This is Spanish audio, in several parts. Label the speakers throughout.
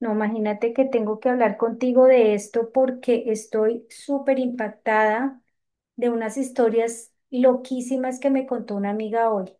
Speaker 1: No, imagínate que tengo que hablar contigo de esto porque estoy súper impactada de unas historias loquísimas que me contó una amiga hoy.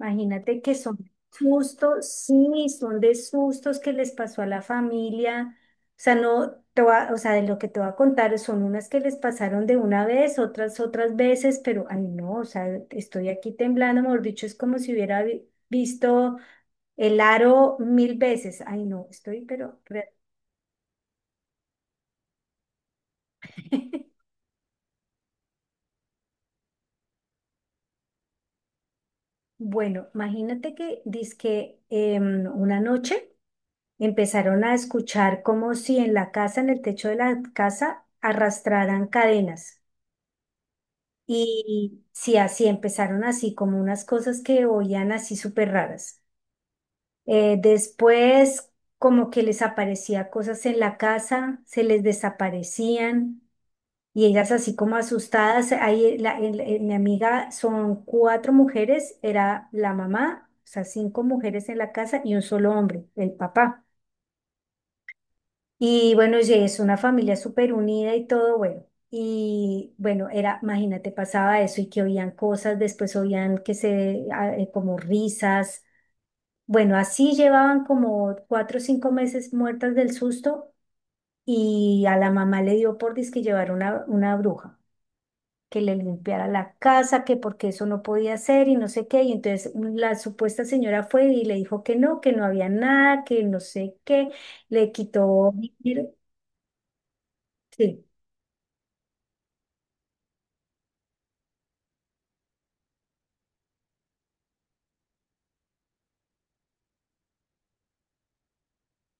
Speaker 1: Imagínate que son sustos, sí, son de sustos que les pasó a la familia. O sea, no, o sea, de lo que te voy a contar son unas que les pasaron de una vez, otras veces, pero ay no, o sea, estoy aquí temblando, mejor dicho, es como si hubiera visto el aro mil veces. Ay, no, estoy, pero. Bueno, imagínate que dizque una noche empezaron a escuchar como si en la casa, en el techo de la casa, arrastraran cadenas. Y sí, así empezaron así, como unas cosas que oían así súper raras. Después, como que les aparecía cosas en la casa, se les desaparecían. Y ellas así como asustadas, ahí la- el- mi amiga son cuatro mujeres, era la mamá, o sea, cinco mujeres en la casa y un solo hombre, el papá. Y bueno, y es una familia súper unida y todo, bueno. Y bueno, era, imagínate, pasaba eso y que oían cosas, después oían que como risas. Bueno, así llevaban como 4 o 5 meses muertas del susto y a la mamá le dio por dizque llevar una bruja, que le limpiara la casa, que porque eso no podía ser y no sé qué. Y entonces la supuesta señora fue y le dijo que no había nada, que no sé qué, le quitó dinero. Sí.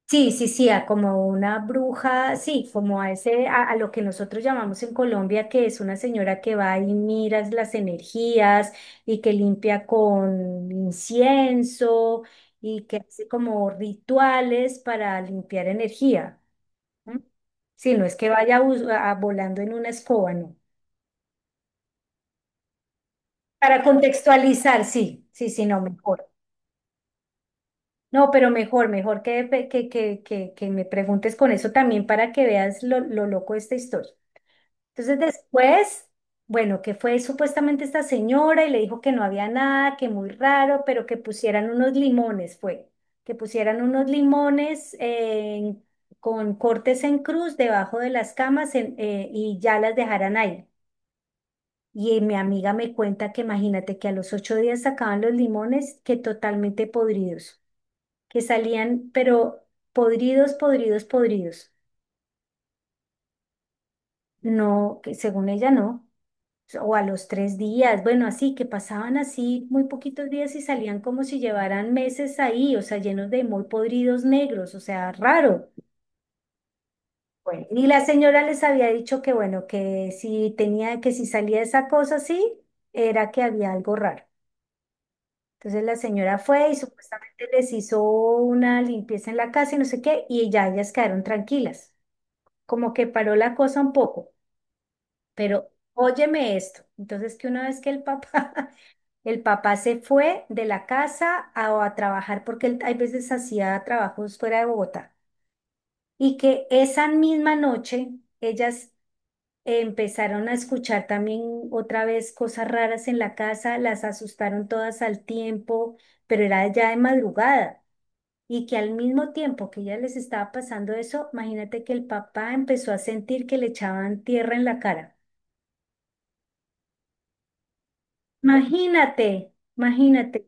Speaker 1: Sí, sí, sí, a como una bruja, sí, como a ese, a lo que nosotros llamamos en Colombia, que es una señora que va y mira las energías y que limpia con incienso y que hace como rituales para limpiar energía. ¿Mm? Sí, no es que vaya volando en una escoba, no. Para contextualizar, sí, sí, sí, no, mejor. No, pero mejor, mejor que, pe- que me preguntes con eso también para que veas lo loco de esta historia. Entonces después, bueno, que fue supuestamente esta señora y le dijo que no había nada, que muy raro, pero que pusieran unos limones, fue, que pusieran unos limones con cortes en cruz debajo de las camas y ya las dejaran ahí. Y mi amiga me cuenta que imagínate que a los 8 días sacaban los limones que totalmente podridos, que salían, pero podridos, podridos, podridos. No, que según ella no. O a los 3 días, bueno, así que pasaban así muy poquitos días y salían como si llevaran meses ahí, o sea, llenos de muy podridos negros, o sea, raro. Bueno, y la señora les había dicho que bueno, que si tenía, que si salía esa cosa así, era que había algo raro. Entonces la señora fue y supuestamente les hizo una limpieza en la casa y no sé qué, y ya ellas quedaron tranquilas, como que paró la cosa un poco, pero óyeme esto. Entonces que una vez que el papá, el papá se fue de la casa a trabajar, porque él hay veces hacía trabajos fuera de Bogotá, y que esa misma noche ellas empezaron a escuchar también otra vez cosas raras en la casa, las asustaron todas al tiempo, pero era ya de madrugada. Y que al mismo tiempo que ella les estaba pasando eso, imagínate que el papá empezó a sentir que le echaban tierra en la cara. Imagínate, imagínate.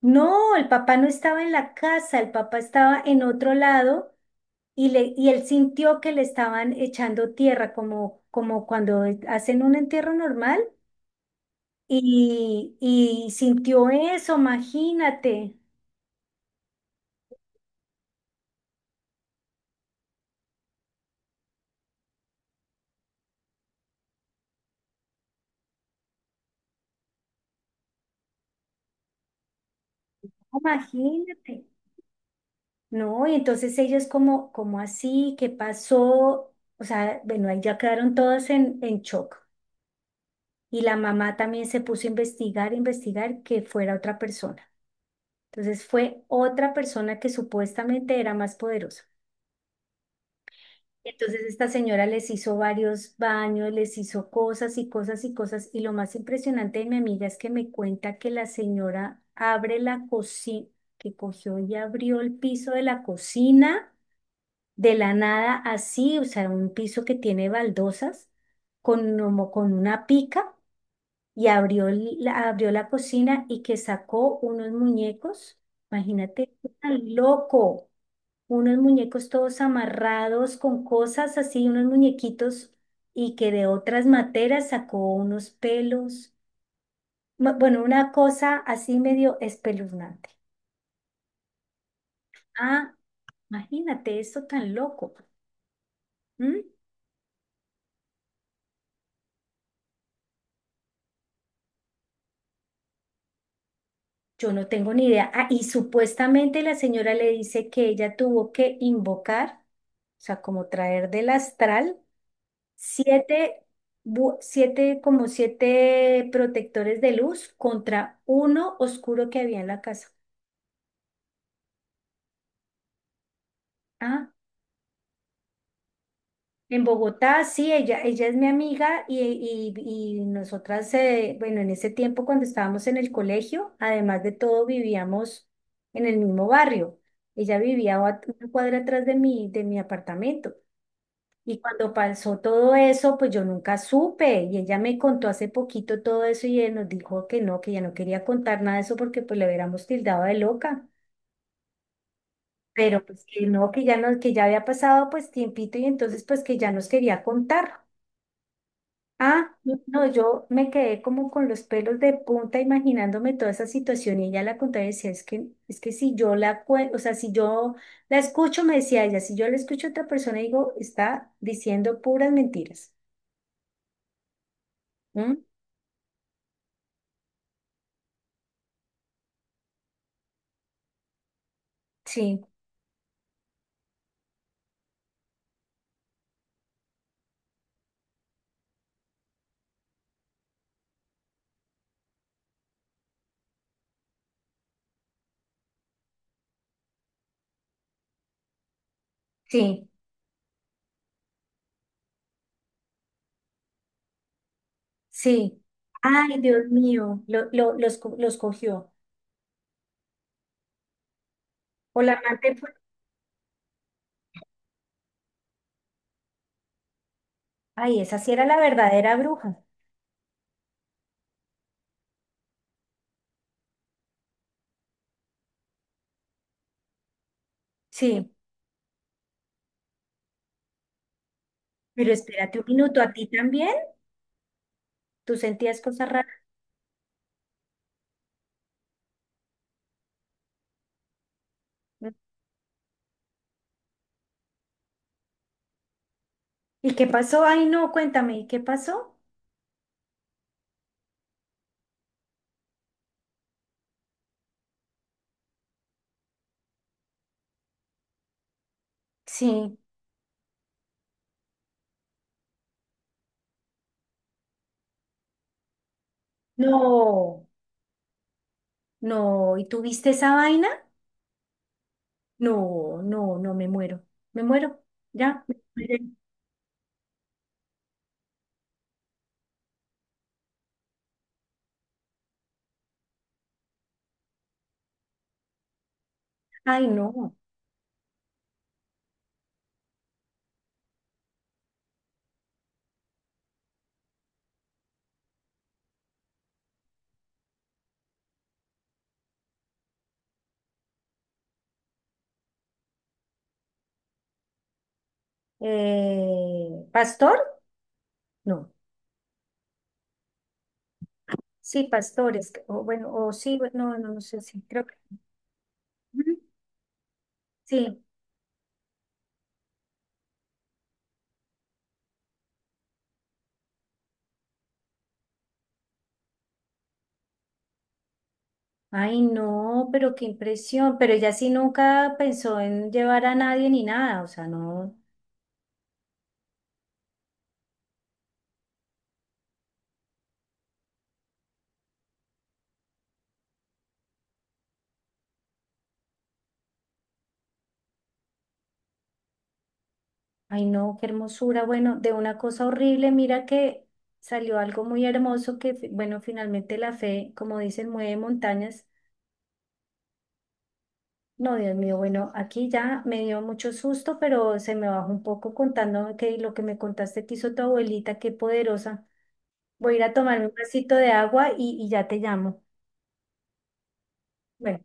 Speaker 1: No, el papá no estaba en la casa, el papá estaba en otro lado y, le, y él sintió que le estaban echando tierra, como, como cuando hacen un entierro normal. Y sintió eso, imagínate, imagínate. No, y entonces ellos como, como así, ¿qué pasó? O sea, bueno, ahí ya quedaron todos en shock. Y la mamá también se puso a investigar, investigar que fuera otra persona. Entonces fue otra persona que supuestamente era más poderosa. Entonces esta señora les hizo varios baños, les hizo cosas y cosas y cosas. Y lo más impresionante de mi amiga es que me cuenta que la señora abre la cocina, que cogió y abrió el piso de la cocina de la nada así, o sea, un piso que tiene baldosas como con una pica y abrió la cocina y que sacó unos muñecos, imagínate, tan loco, unos muñecos todos amarrados con cosas así, unos muñequitos y que de otras materas sacó unos pelos, bueno, una cosa así medio espeluznante. Ah, imagínate eso tan loco. ¿Mm? Yo no tengo ni idea. Ah, y supuestamente la señora le dice que ella tuvo que invocar, o sea, como traer del astral, siete, siete, como siete protectores de luz contra uno oscuro que había en la casa. Ah, en Bogotá, sí, ella es mi amiga y, nosotras, bueno, en ese tiempo cuando estábamos en el colegio, además de todo, vivíamos en el mismo barrio. Ella vivía una cuadra atrás de mi apartamento. Y cuando pasó todo eso, pues yo nunca supe. Y ella me contó hace poquito todo eso y nos dijo que no, que ya no quería contar nada de eso porque pues le hubiéramos tildado de loca. Pero pues que no, que ya no, que ya había pasado pues tiempito y entonces pues que ya nos quería contar. Ah, no, no, yo me quedé como con los pelos de punta imaginándome toda esa situación y ella la contaba y decía, es que si yo o sea, si yo la escucho, me decía ella, si yo la escucho a otra persona, digo, está diciendo puras mentiras. ¿Mm? Sí, sí, sí. Ay, Dios mío, los cogió. O la amante fue, ay, esa sí era la verdadera bruja. Sí, pero espérate un minuto, ¿a ti también? ¿Tú sentías cosas raras? ¿Y qué pasó? Ay, no, cuéntame, ¿y qué pasó? Sí. No. No, ¿y tuviste esa vaina? No, no, no, me muero. Me muero. Ya. Me muero. Ay, no. ¿Pastor? No. Sí, pastores. O bueno, o sí, bueno, no, no, no sé si creo que. Ujú, sí. Ay, no, pero qué impresión. Pero ella sí nunca pensó en llevar a nadie ni nada. O sea, no. Ay, no, qué hermosura. Bueno, de una cosa horrible, mira que salió algo muy hermoso que, bueno, finalmente la fe, como dicen, mueve montañas. No, Dios mío, bueno, aquí ya me dio mucho susto, pero se me bajó un poco contándome que lo que me contaste que hizo tu abuelita, qué poderosa. Voy a ir a tomarme un vasito de agua y ya te llamo. Bueno.